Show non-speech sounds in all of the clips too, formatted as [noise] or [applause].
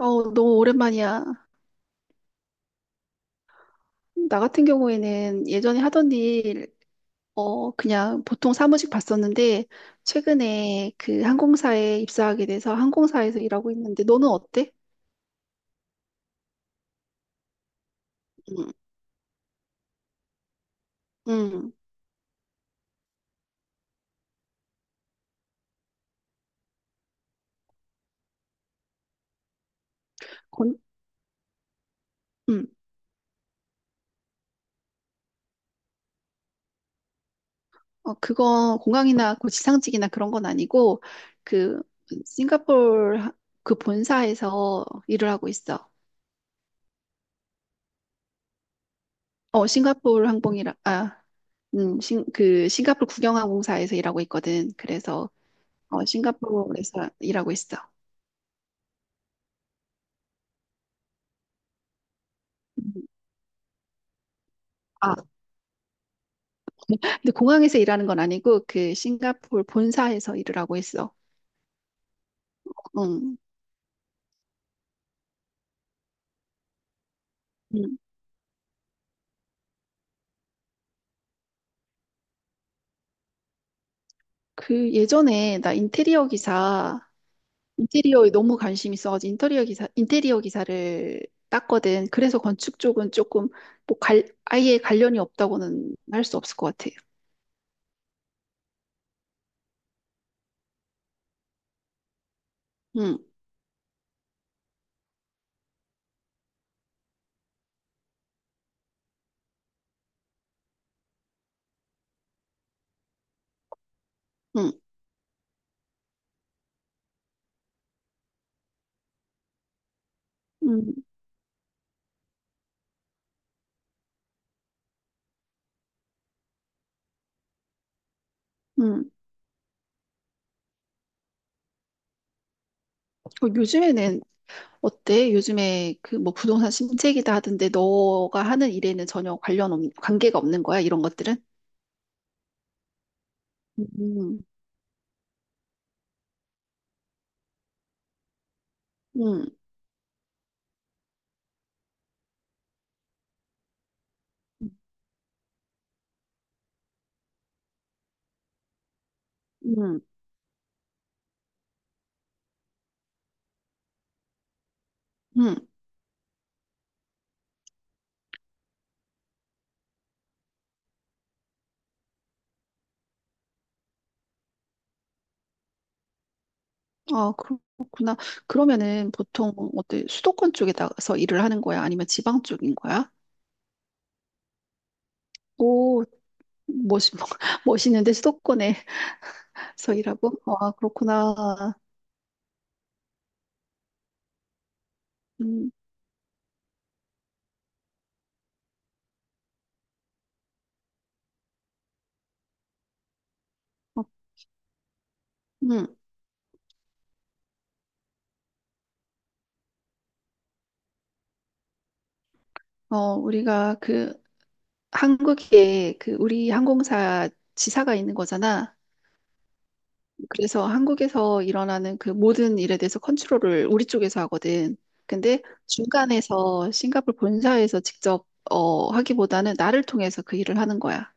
어, 너무 오랜만이야. 나 같은 경우에는 예전에 하던 일, 그냥 보통 사무직 봤었는데, 최근에 그 항공사에 입사하게 돼서 항공사에서 일하고 있는데, 너는 어때? 응, 응, 건, 응. 어, 그거 공항이나 그 지상직이나 그런 건 아니고, 그, 싱가포르 하- 그 본사에서 일을 하고 있어. 어, 싱가포르 항공이라, 아, 그 싱가포르 국영항공사에서 일하고 있거든. 그래서 싱가포르에서 일하고 있어. 음. 아, 근데 공항에서 일하는 건 아니고 그 싱가포르 본사에서 일을 하고 있어. 응. 음. 그 예전에 나 인테리어에 너무 관심 있어가지고 인테리어 기사를 땄거든. 그래서 건축 쪽은 조금 뭐 아예 관련이 없다고는 할 수 없을 것 같아. 응, 응, 응, 응. 요즘에는 어때? 요즘에 그 뭐 부동산 심책기다 하던데 너가 하는 일에는 전혀 관계가 없는 거야? 이런 것들은? 음, 음, 음, 음. 음. 음. 아, 그렇구나. 그러면은 보통 어때? 수도권 쪽에다가서 일을 하는 거야? 아니면 지방 쪽인 거야? 오, 멋있, [laughs] 멋있는데 수도권에서 일하고? 아, 그렇구나. 음, 어, 음, 우리가 그 한국에 그 우리 항공사 지사가 있는 거잖아. 그래서 한국에서 일어나는 그 모든 일에 대해서 컨트롤을 우리 쪽에서 하거든. 근데 중간에서 싱가포르 본사에서 직접 하기보다는 나를 통해서 그 일을 하는 거야.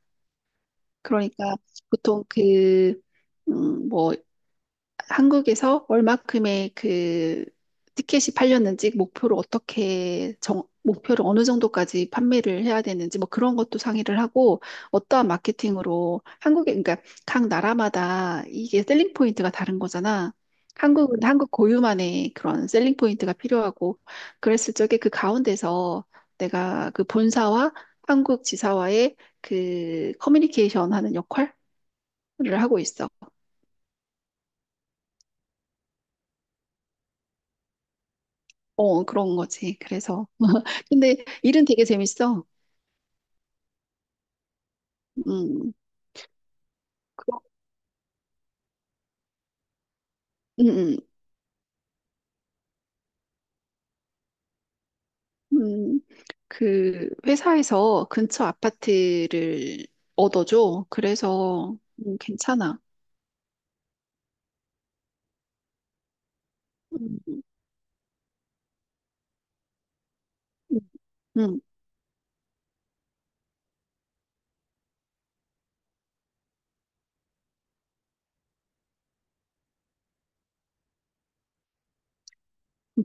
그러니까 보통 그, 뭐 한국에서 얼마큼의 그 티켓이 팔렸는지 목표를 어느 정도까지 판매를 해야 되는지 뭐 그런 것도 상의를 하고 어떠한 마케팅으로 한국에 그러니까 각 나라마다 이게 셀링 포인트가 다른 거잖아. 한국은 한국 고유만의 그런 셀링 포인트가 필요하고 그랬을 적에 그 가운데서 내가 그 본사와 한국 지사와의 그 커뮤니케이션 하는 역할을 하고 있어. 어, 그런 거지. 그래서 근데 일은 되게 재밌어. 음, 그, 음, 음, 음. 그 회사에서 근처 아파트를 얻어줘. 그래서 괜찮아. 음, 음. 음.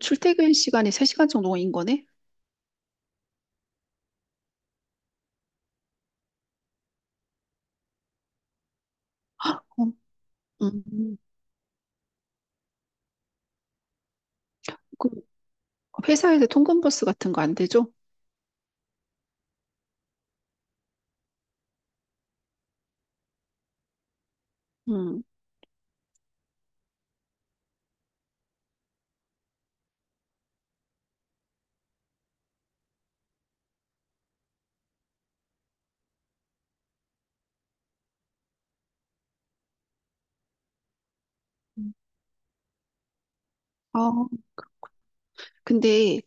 출퇴근 시간이 3시간 정도인 거네? 어, 음. 그 회사에서 통근버스 같은 거 안 되죠? 음. 아, 근데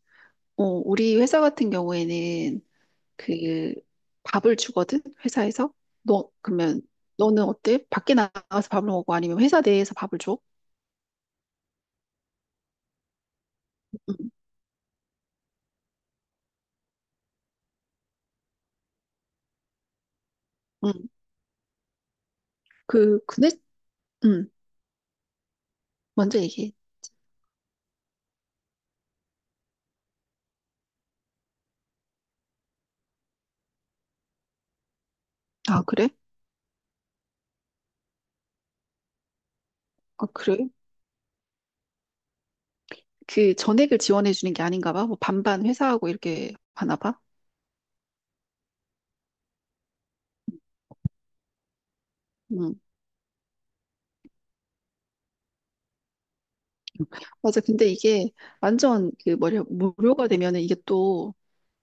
우리 회사 같은 경우에는 그 밥을 주거든 회사에서 너 그러면 너는 어때? 밖에 나가서 밥을 먹고 아니면 회사 내에서 밥을 줘? 응, 응. 근데 응 먼저 얘기해. 아 그래? 아 그래? 그 전액을 지원해 주는 게 아닌가 봐. 뭐 반반 회사하고 이렇게 하나 봐. 응 맞아. 근데 이게 완전 그 뭐냐 무료가 되면은 이게 또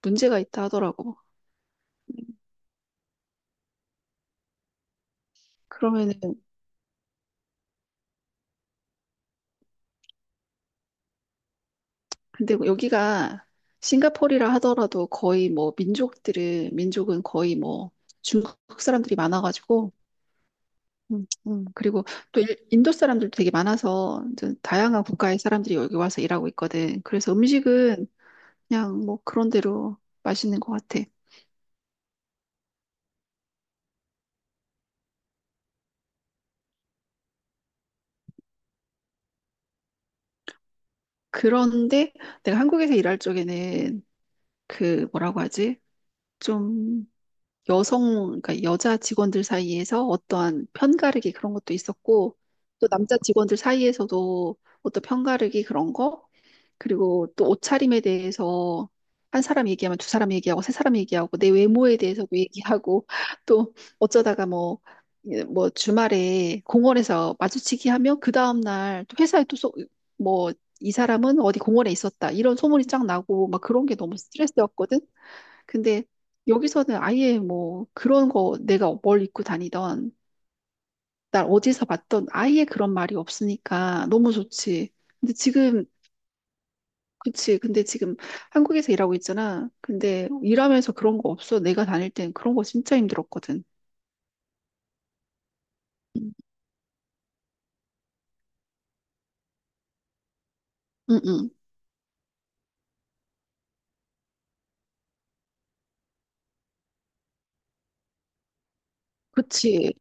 문제가 있다 하더라고. 응. 그러면은 근데 여기가 싱가포르라 하더라도 거의 뭐 민족들은 민족은 거의 뭐 중국 사람들이 많아가지고 그리고 또 인도 사람들도 되게 많아서 이제 다양한 국가의 사람들이 여기 와서 일하고 있거든. 그래서 음식은 그냥 뭐 그런 대로 맛있는 것 같아. 그런데 내가 한국에서 일할 적에는 그 뭐라고 하지? 좀, 그러니까 여자 직원들 사이에서 어떠한 편가르기 그런 것도 있었고, 또 남자 직원들 사이에서도 어떤 편가르기 그런 거, 그리고 또 옷차림에 대해서 한 사람 얘기하면 두 사람 얘기하고 세 사람 얘기하고 내 외모에 대해서도 얘기하고 [laughs] 또 어쩌다가 뭐, 예, 뭐 주말에 공원에서 마주치기 하면 그 다음날 또 회사에 또 뭐, 이 사람은 어디 공원에 있었다. 이런 소문이 쫙 나고 막 그런 게 너무 스트레스였거든. 근데 여기서는 아예 뭐 그런 거 내가 뭘 입고 다니던 날 어디서 봤던 아예 그런 말이 없으니까 너무 좋지. 근데 지금 그치. 근데 지금 한국에서 일하고 있잖아. 근데 일하면서 그런 거 없어. 내가 다닐 땐 그런 거 진짜 힘들었거든. 응, 응. 응. 그치.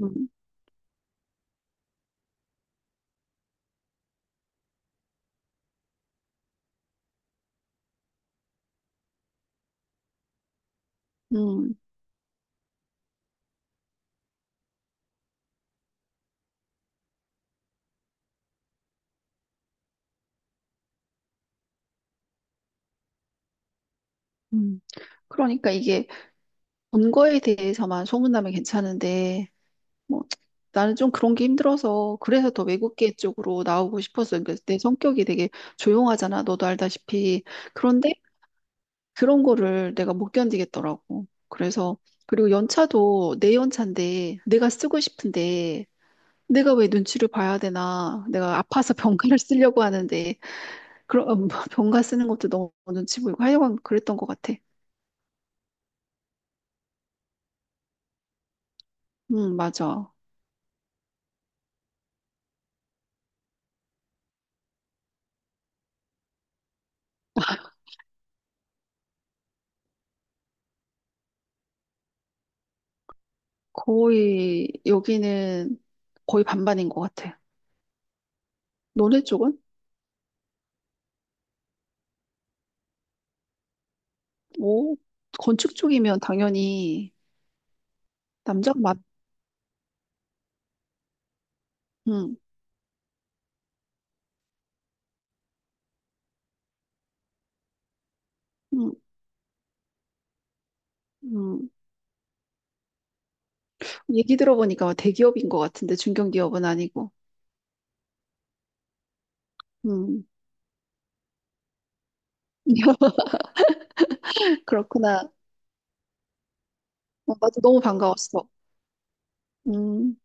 응, 응, 응. 그러니까 이게 본 거에 대해서만 소문나면 괜찮은데 뭐, 나는 좀 그런 게 힘들어서 그래서 더 외국계 쪽으로 나오고 싶었어요. 그러니까 내 성격이 되게 조용하잖아. 너도 알다시피. 그런데 그런 거를 내가 못 견디겠더라고. 그래서 그리고 연차도 내 연차인데 내가 쓰고 싶은데 내가 왜 눈치를 봐야 되나? 내가 아파서 [laughs] 병가를 쓰려고 하는데 그런 [laughs] 병가 쓰는 것도 너무 눈치 보이고 하여간 그랬던 것 같아. 맞아. 거의 여기는 거의 반반인 것 같아. 너네 쪽은? 오, 건축 쪽이면 당연히 남자 맞, 음, 음, 음. 얘기 들어보니까 대기업인 것 같은데 중견기업은 아니고, 음, [laughs] 그렇구나. 어, 나도 너무 반가웠어. 음.